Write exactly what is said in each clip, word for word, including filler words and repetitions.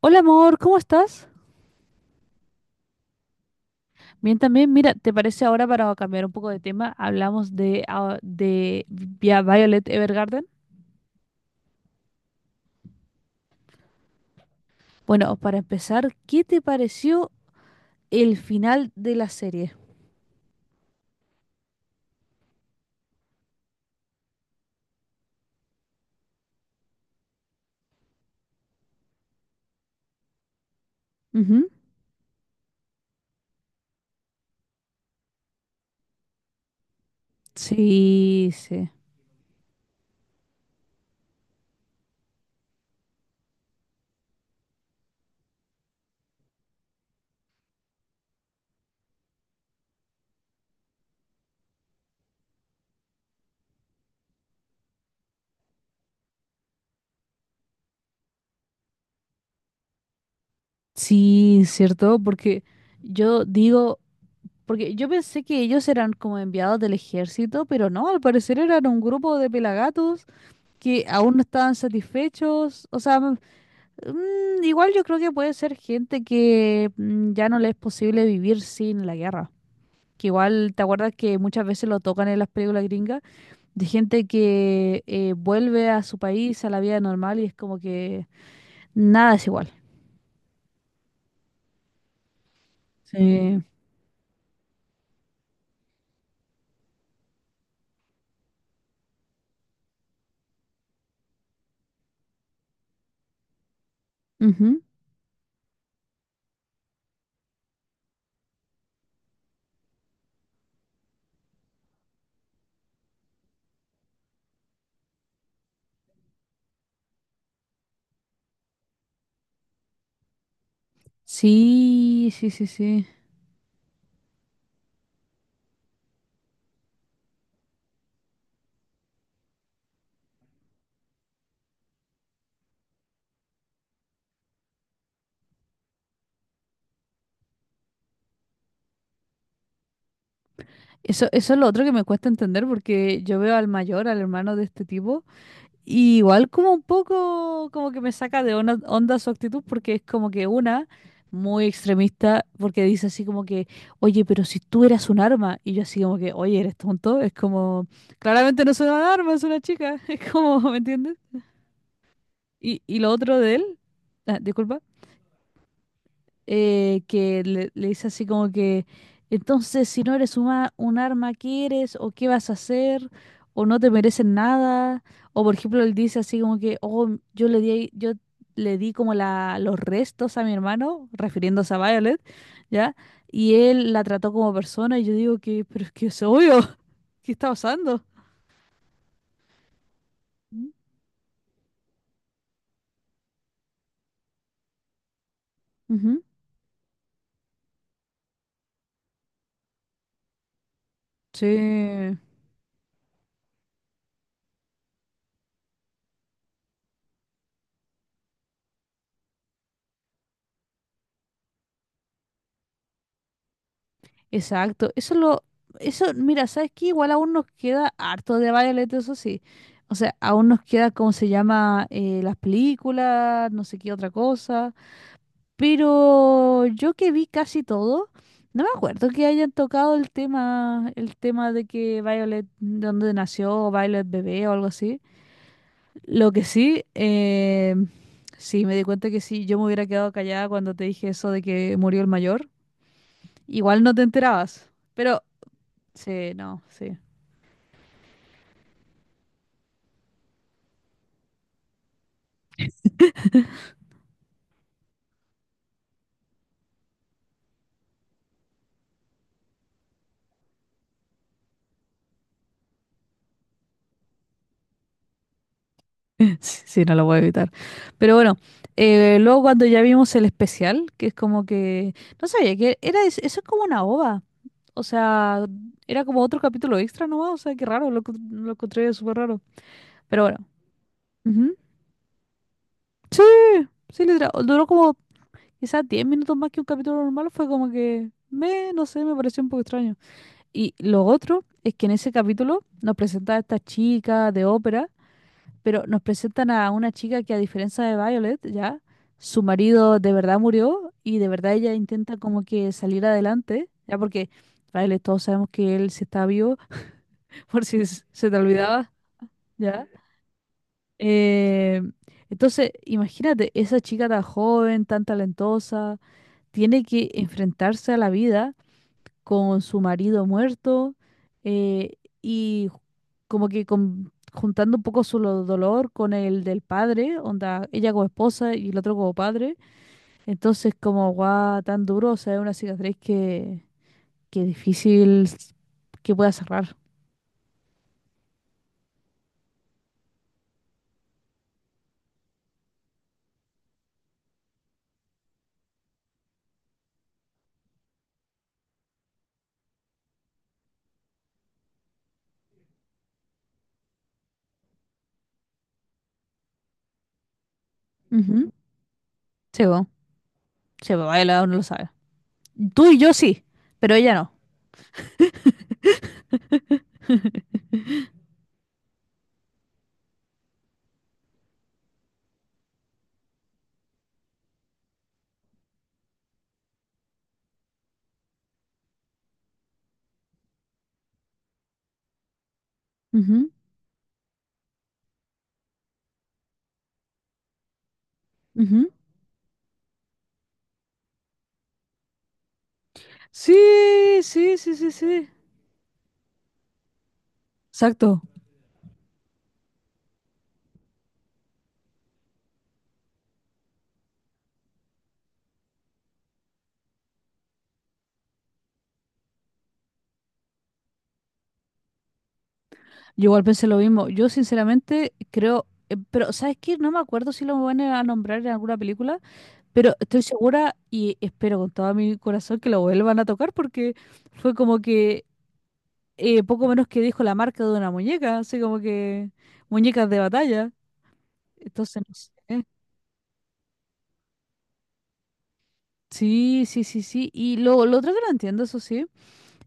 Hola amor, ¿cómo estás? Bien también, mira, ¿te parece ahora para cambiar un poco de tema? Hablamos de, ah, de Vi- Violet Evergarden. Bueno, para empezar, ¿qué te pareció el final de la serie? Ujú. Sí, sí. Sí, cierto, porque yo digo, porque yo pensé que ellos eran como enviados del ejército, pero no, al parecer eran un grupo de pelagatos que aún no estaban satisfechos. O sea, mm, igual yo creo que puede ser gente que mm, ya no le es posible vivir sin la guerra. Que igual, ¿te acuerdas que muchas veces lo tocan en las películas gringas? De gente que eh, vuelve a su país, a la vida normal y es como que nada es igual. Sí. Ujú. Sí, sí, sí, sí. Eso, eso es lo otro que me cuesta entender porque yo veo al mayor, al hermano de este tipo. Y igual como un poco como que me saca de ona- onda su actitud porque es como que una muy extremista porque dice así como que, oye, pero si tú eras un arma y yo así como que, oye, eres tonto, es como, claramente no es un arma, es una chica, es como, ¿me entiendes? Y, y lo otro de él, ah, disculpa, eh, que le, le dice así como que, entonces si no eres una- un arma, ¿qué eres? ¿O qué vas a hacer? ¿O no te merecen nada? O por ejemplo, él dice así como que, oh, yo le di, yo le di como la, los restos a mi hermano, refiriéndose a Violet, ¿ya? Y él la trató como persona y yo digo que, pero es que es obvio, ¿qué está pasando? Mm. Ujú. Sí. Exacto, eso lo, eso, mira, ¿sabes qué? Igual aún nos queda harto de Violet, eso sí. O sea, aún nos queda, ¿cómo se llama? Eh, las películas, no sé qué otra cosa. Pero yo que vi casi todo, no me acuerdo que hayan tocado el tema, el tema de que Violet, de dónde nació, Violet bebé o algo así. Lo que sí, eh, sí, me di cuenta que sí, yo me hubiera quedado callada cuando te dije eso de que murió el mayor. Igual no te enterabas. Pero sí, no, sí. Sí, no lo voy a evitar. Pero bueno, eh, luego cuando ya vimos el especial, que es como que... No sabía que era... es- eso es como una ova. O sea, era como otro capítulo extra nomás. O sea, qué raro, lo, encont- lo encontré súper raro. Pero bueno. Ujú. Sí, sí, literal, duró como quizás diez minutos más que un capítulo normal. Fue como que, me, no sé, me pareció un poco extraño. Y lo otro es que en ese capítulo nos presenta a esta chica de ópera, pero nos presentan a una chica que a diferencia de Violet, ya, su marido de verdad murió y de verdad ella intenta como que salir adelante, ya, porque Violet todos sabemos que él sí está vivo, por si s- se te olvidaba, ya. Eh, entonces, imagínate, esa chica tan joven, tan talentosa, tiene que enfrentarse a la vida con su marido muerto, eh, y como que con- juntando un poco su lo- dolor con el del padre, onda, ella como esposa y el otro como padre. Entonces, como guau, tan duro, o sea, es una cicatriz que, que difícil s- que pueda cerrar. Ujú. Se va, se va, baila, uno lo sabe. Tú y yo sí, pero ella no. Ujú, ujú. Sí, sí, sí, sí, sí. Exacto. Yo igual pensé lo mismo. Yo sinceramente creo, eh, pero ¿sabes qué? No me acuerdo si lo van a nombrar en alguna película, pero estoy segura y espero con todo mi corazón que lo vuelvan a tocar porque fue como que eh, poco menos que dijo la marca de una muñeca, así como que muñecas de batalla. Entonces, no sé. Sí, sí, sí, sí. Y lo, lo otro que no entiendo, eso sí,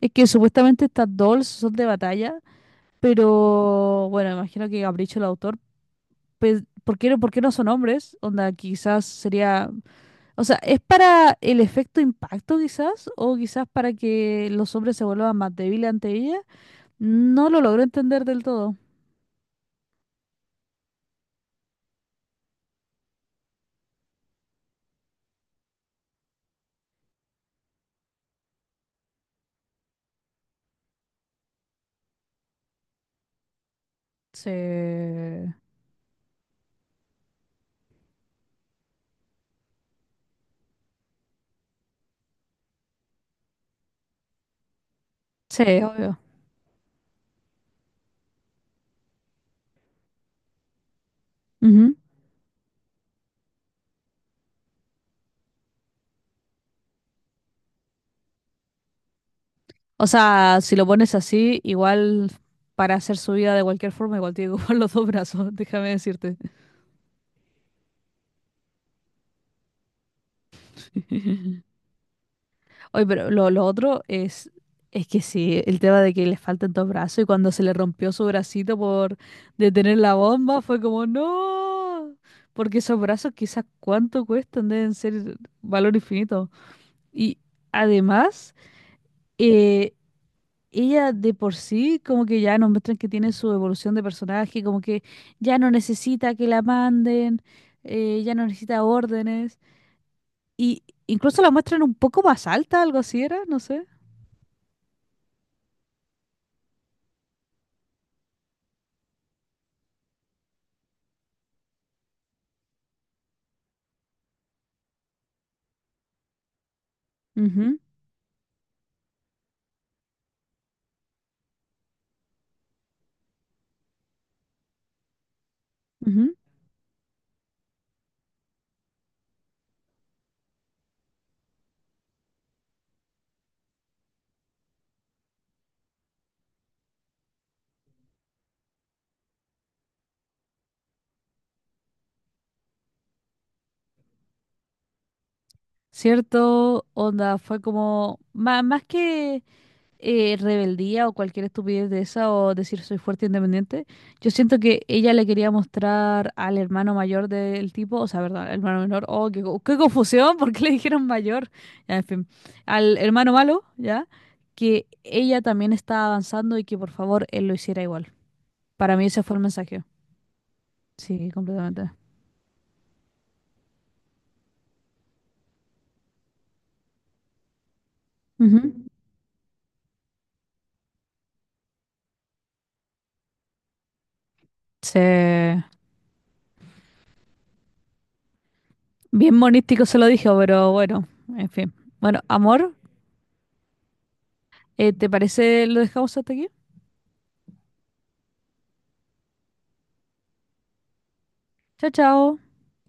es que supuestamente estas dolls son de batalla, pero bueno, imagino que capricho el autor pues, ¿por qué, no- ¿por qué no son hombres? Onda, quizás sería, o sea, ¿es para el efecto impacto quizás? ¿O quizás para que los hombres se vuelvan más débiles ante ella? No lo logro entender del todo. Sí, sí, obvio. Ujú. O sea, si lo pones así, igual para hacer su vida de cualquier forma, igual tiene que ocupar los dos brazos, déjame decirte. Oye, pero lo, lo otro es, es que sí, el tema de que le faltan dos brazos y cuando se le rompió su bracito por detener la bomba fue como, no, porque esos brazos quizás cuánto cuestan, deben ser valor infinito. Y además, eh, ella de por sí como que ya nos muestran que tiene su evolución de personaje, como que ya no necesita que la manden, eh, ya no necesita órdenes. Y incluso la muestran un poco más alta, algo así era, no sé. Ujú. Ujú. ¿Cierto? Onda, fue como, má- más, que eh, rebeldía o cualquier estupidez de esa o decir soy fuerte e independiente, yo siento que ella le quería mostrar al hermano mayor del tipo, o sea, perdón, al hermano menor, oh, qué, co- qué confusión, ¿por qué le dijeron mayor? Ya, en fin, al hermano malo, ¿ya? Que ella también estaba avanzando y que por favor él lo hiciera igual. Para mí ese fue el mensaje. Sí, completamente. Ujú. Sí. Bien monístico se lo dije, pero bueno, en fin. Bueno, amor, eh, ¿te parece lo dejamos hasta aquí? Chao, chao.